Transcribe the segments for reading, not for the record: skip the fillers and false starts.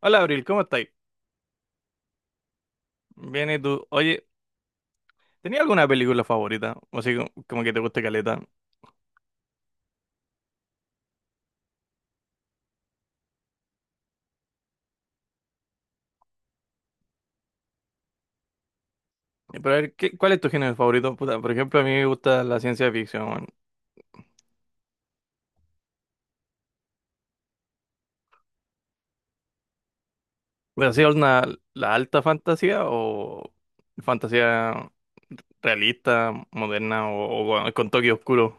Hola Abril, ¿cómo estáis? Bien, ¿y tú? Oye, ¿tenías alguna película favorita? O así como que te guste caleta. Pero a ver, ¿ cuál es tu género favorito? Puta, por ejemplo, a mí me gusta la ciencia ficción, weón. ¿Pero así una, la alta fantasía o fantasía realista, moderna o con toque oscuro?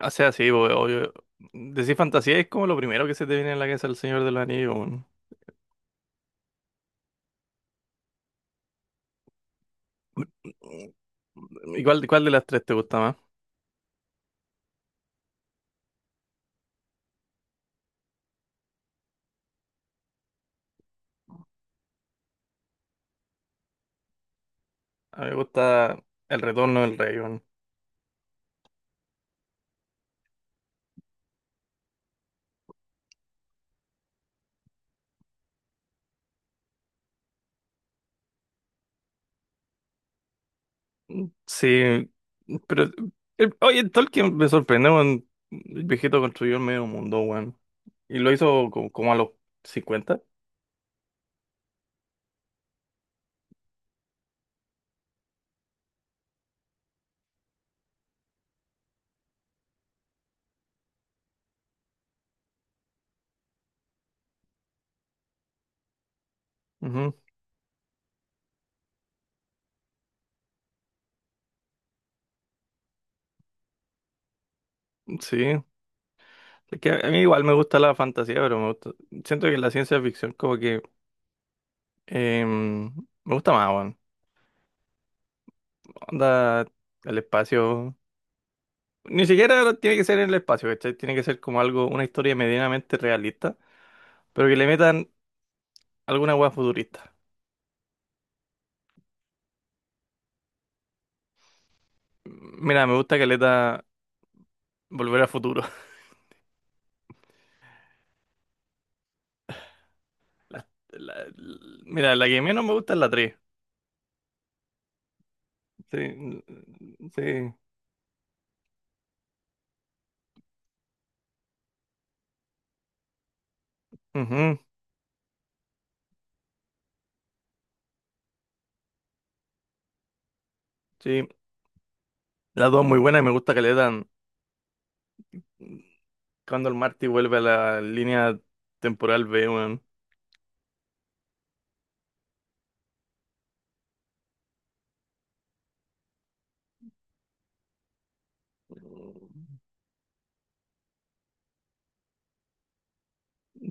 O sea, sí, obvio. Decir fantasía es como lo primero que se te viene a la cabeza el Señor de los Anillos, weón. ¿Y cuál de las tres te gusta más? A mí me gusta El Retorno del Rey. Sí, pero oye, Tolkien me sorprende, weón. El viejito construyó el medio mundo, weón. Y lo hizo como, a los 50. Ujú. Sí. Es que a mí igual me gusta la fantasía, pero me gusta. Siento que la ciencia ficción como que em, me gusta más, weón. Onda, el espacio. Ni siquiera tiene que ser en el espacio, ¿cachai? Tiene que ser como algo, una historia medianamente realista, pero que le metan alguna weá futurista. Mira, me gusta que le da Volver al Futuro. Mira, la que menos me gusta es la tres. Sí, mm, sí, ujú, sí. La 2 muy buena y me gusta que le dan cuando el Marty vuelve a la línea temporal B, weón.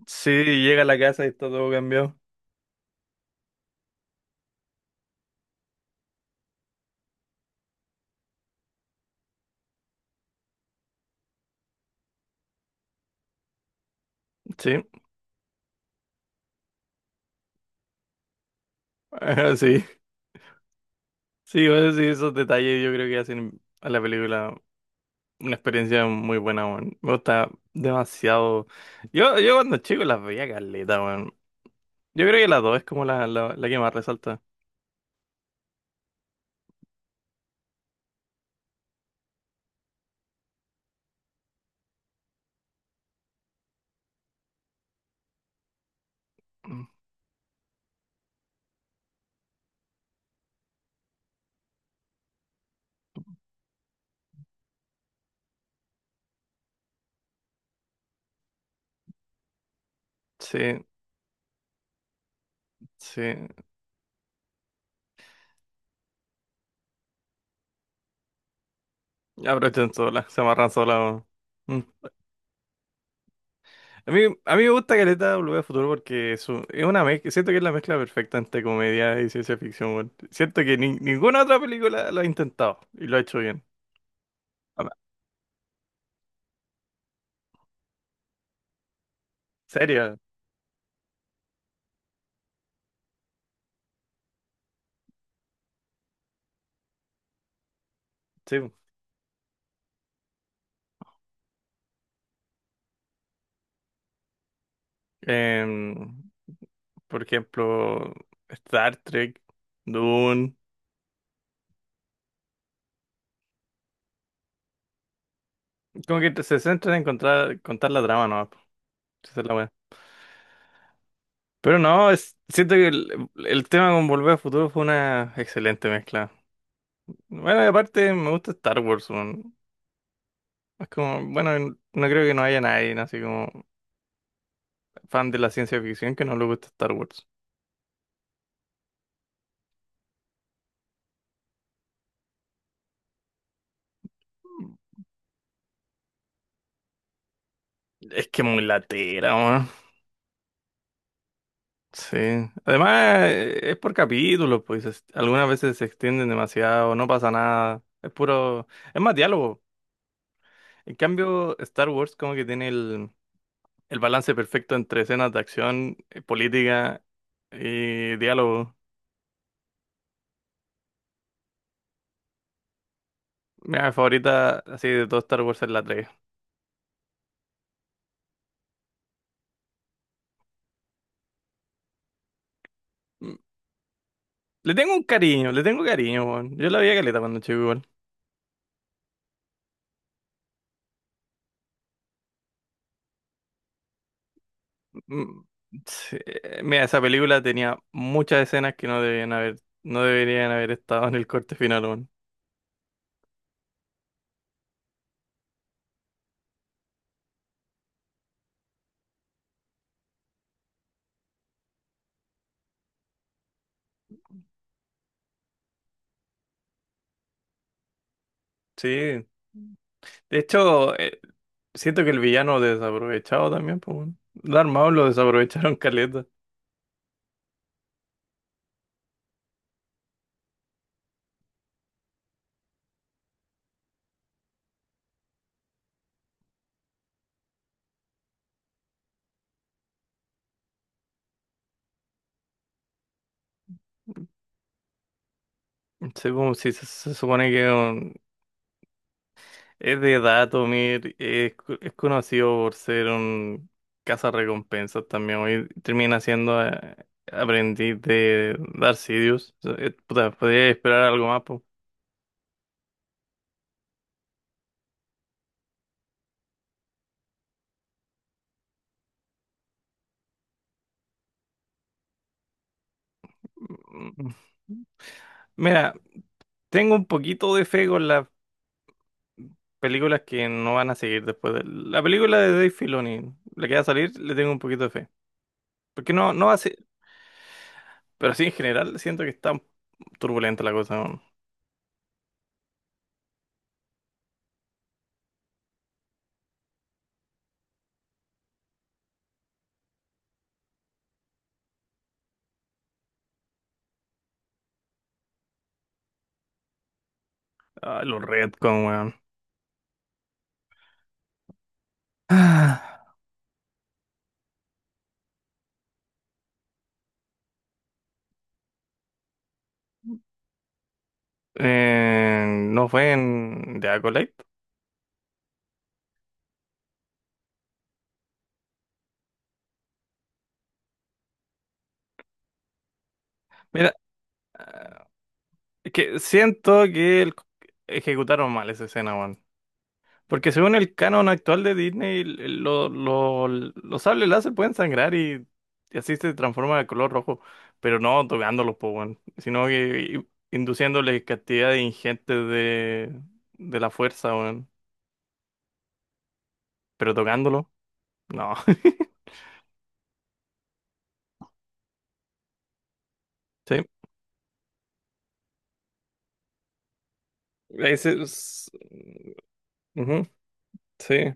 Sí, llega a la casa y está todo cambiado. Sí, ajá, sí. Sí, bueno, sí, esos detalles yo creo que hacen a la película una experiencia muy buena, weón. Me gusta demasiado. Yo cuando chico las veía caleta, weón. Yo creo que la 2 es como la que más resalta. Mm. Sí. Sí, aprovechan sola, se amarran sola, weón. Mm. A mí me gusta Caleta Volver al Futuro porque es, es una mezcla, siento que es la mezcla perfecta entre comedia y ciencia ficción, weón. Siento que ninguna otra película lo ha intentado y lo ha hecho bien. Ah. Seria, sí. Em, por ejemplo, Star Trek, Dune, como que se centran en encontrar, contar la trama, ¿no? Esa es la weá. Pero no, siento que el tema con Volver al Futuro fue una excelente mezcla. Bueno, y aparte me gusta Star Wars, weón. Es como, bueno, no creo que no haya nadie, ¿no? Así como fan de la ciencia ficción que no le guste Star Wars. Es que muy latera, weón. Sí. Además, es por capítulos, pues. Algunas veces se extienden demasiado, no pasa nada. Es puro. Es más diálogo. En cambio, Star Wars como que tiene el balance perfecto entre escenas de acción, política y diálogo. Mi favorita así de todo Star Wars es la tres. Le tengo un cariño, le tengo cariño, weón. Yo la veía caleta cuando chico igual. Mm, sí, mira, esa película tenía muchas escenas que no debían haber, no deberían haber estado en el corte final, weón. Sí. De hecho, siento que el villano desaprovechado también, pues, weón. Darth Maul lo desaprovecharon caleta. Sí, como si se supone que es. Es de Datomir, es conocido por ser un cazarrecompensas también. Hoy termina siendo aprendiz de Darth Sidious. O sea, puta, podría esperar algo más, po. Mm. Mira, tengo un poquito de fe con las películas que no van a seguir después de la película de Dave Filoni, la que va a salir, le tengo un poquito de fe. Porque no, no va a ser, pero sí en general siento que está turbulenta la cosa, weón. Ah, los retcon, weón. No fue en The Acolyte. Mira, es que siento que ejecutaron mal esa escena, weón. Porque según el canon actual de Disney, los sables láser pueden sangrar y así se transforma de color rojo. Pero no tocándolos, po, weón. Sino que induciéndoles cantidad de ingentes de la fuerza, weón. Pero tocándolo, no. Sí. Ahí ujú, sí.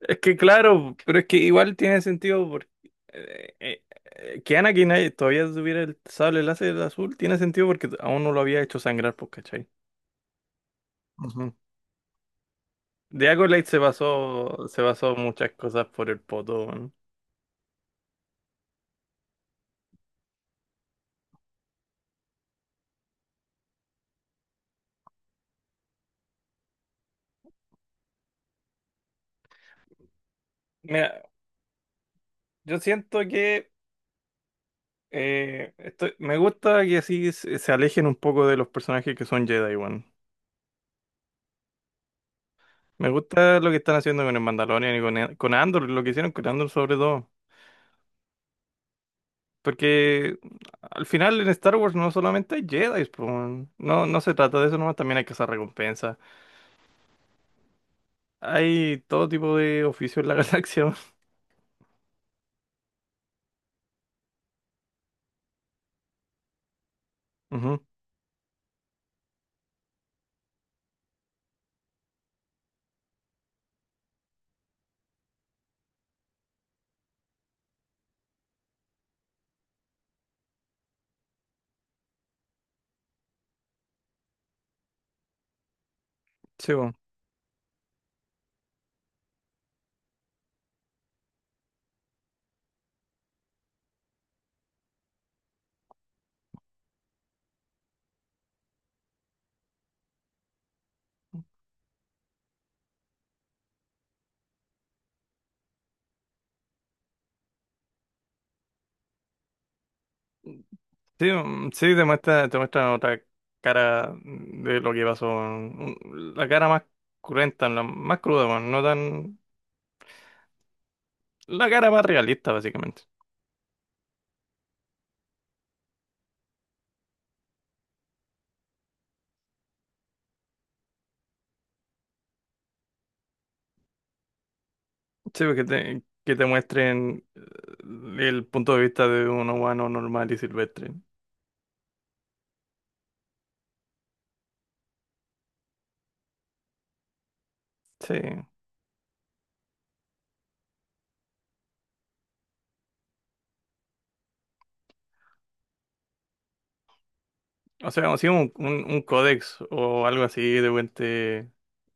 Es que claro, pero es que igual tiene sentido porque eh, eh, que Anakin ahí todavía tuviera el sable láser azul, tiene sentido porque aún no lo había hecho sangrar, pues, ¿cachai? Ujú. De Acolyte se basó muchas cosas por el poto, ¿no? Mira, yo siento que me gusta que así se alejen un poco de los personajes que son Jedi, weón. Me gusta lo que están haciendo con el Mandalorian y con Andor, lo que hicieron con Andor sobre todo. Porque al final en Star Wars no solamente hay Jedi, po, weón. No se trata de eso nomás, también hay que hacer recompensas. Hay todo tipo de oficios en la galaxia, weón. Ujú. Sí, weón. Sí, mm, sí, te muestra otra cara de lo que pasó, weón. La cara más cruenta, la más cruda, weón, no tan... La cara más realista, básicamente. Sí, porque que te muestren el punto de vista de un humano normal y silvestre. Sí. O sea, así un, un códex o algo así de vuelta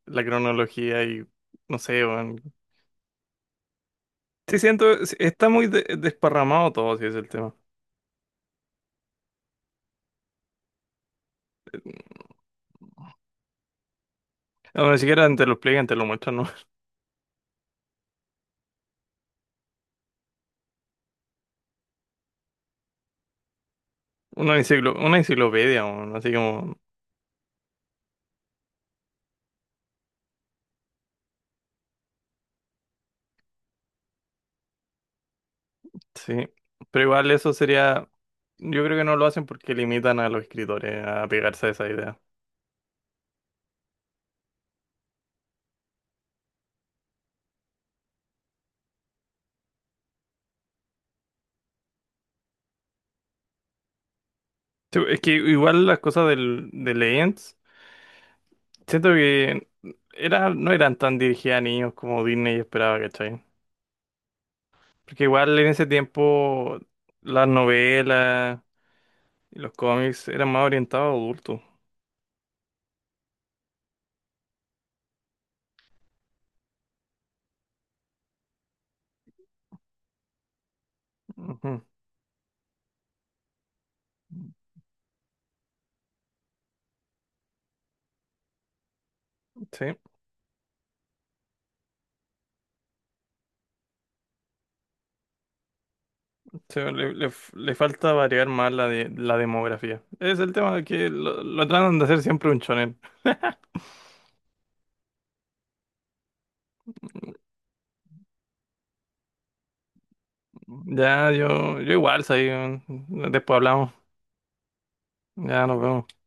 la cronología y no sé, weón. Sí siento, sí, está muy desparramado todo, si es el tema. No, ni siquiera te lo explican, te lo muestran, ¿no? Una enciclopedia, weón, así como, sí. Pero igual eso sería, yo creo que no lo hacen porque limitan a los escritores a pegarse a esa idea. Sí. Es que igual las cosas de Legends, siento que era, no eran tan dirigidas a niños como Disney esperaba, ¿cachai? Porque igual en ese tiempo las novelas y los cómics eran más orientados a adultos. Ujú. Sí, sí, le falta variar más la demografía. Es el tema de que lo tratan de hacer siempre un shonen. Ya, yo igual, soy. Después hablamos. Ya nos vemos.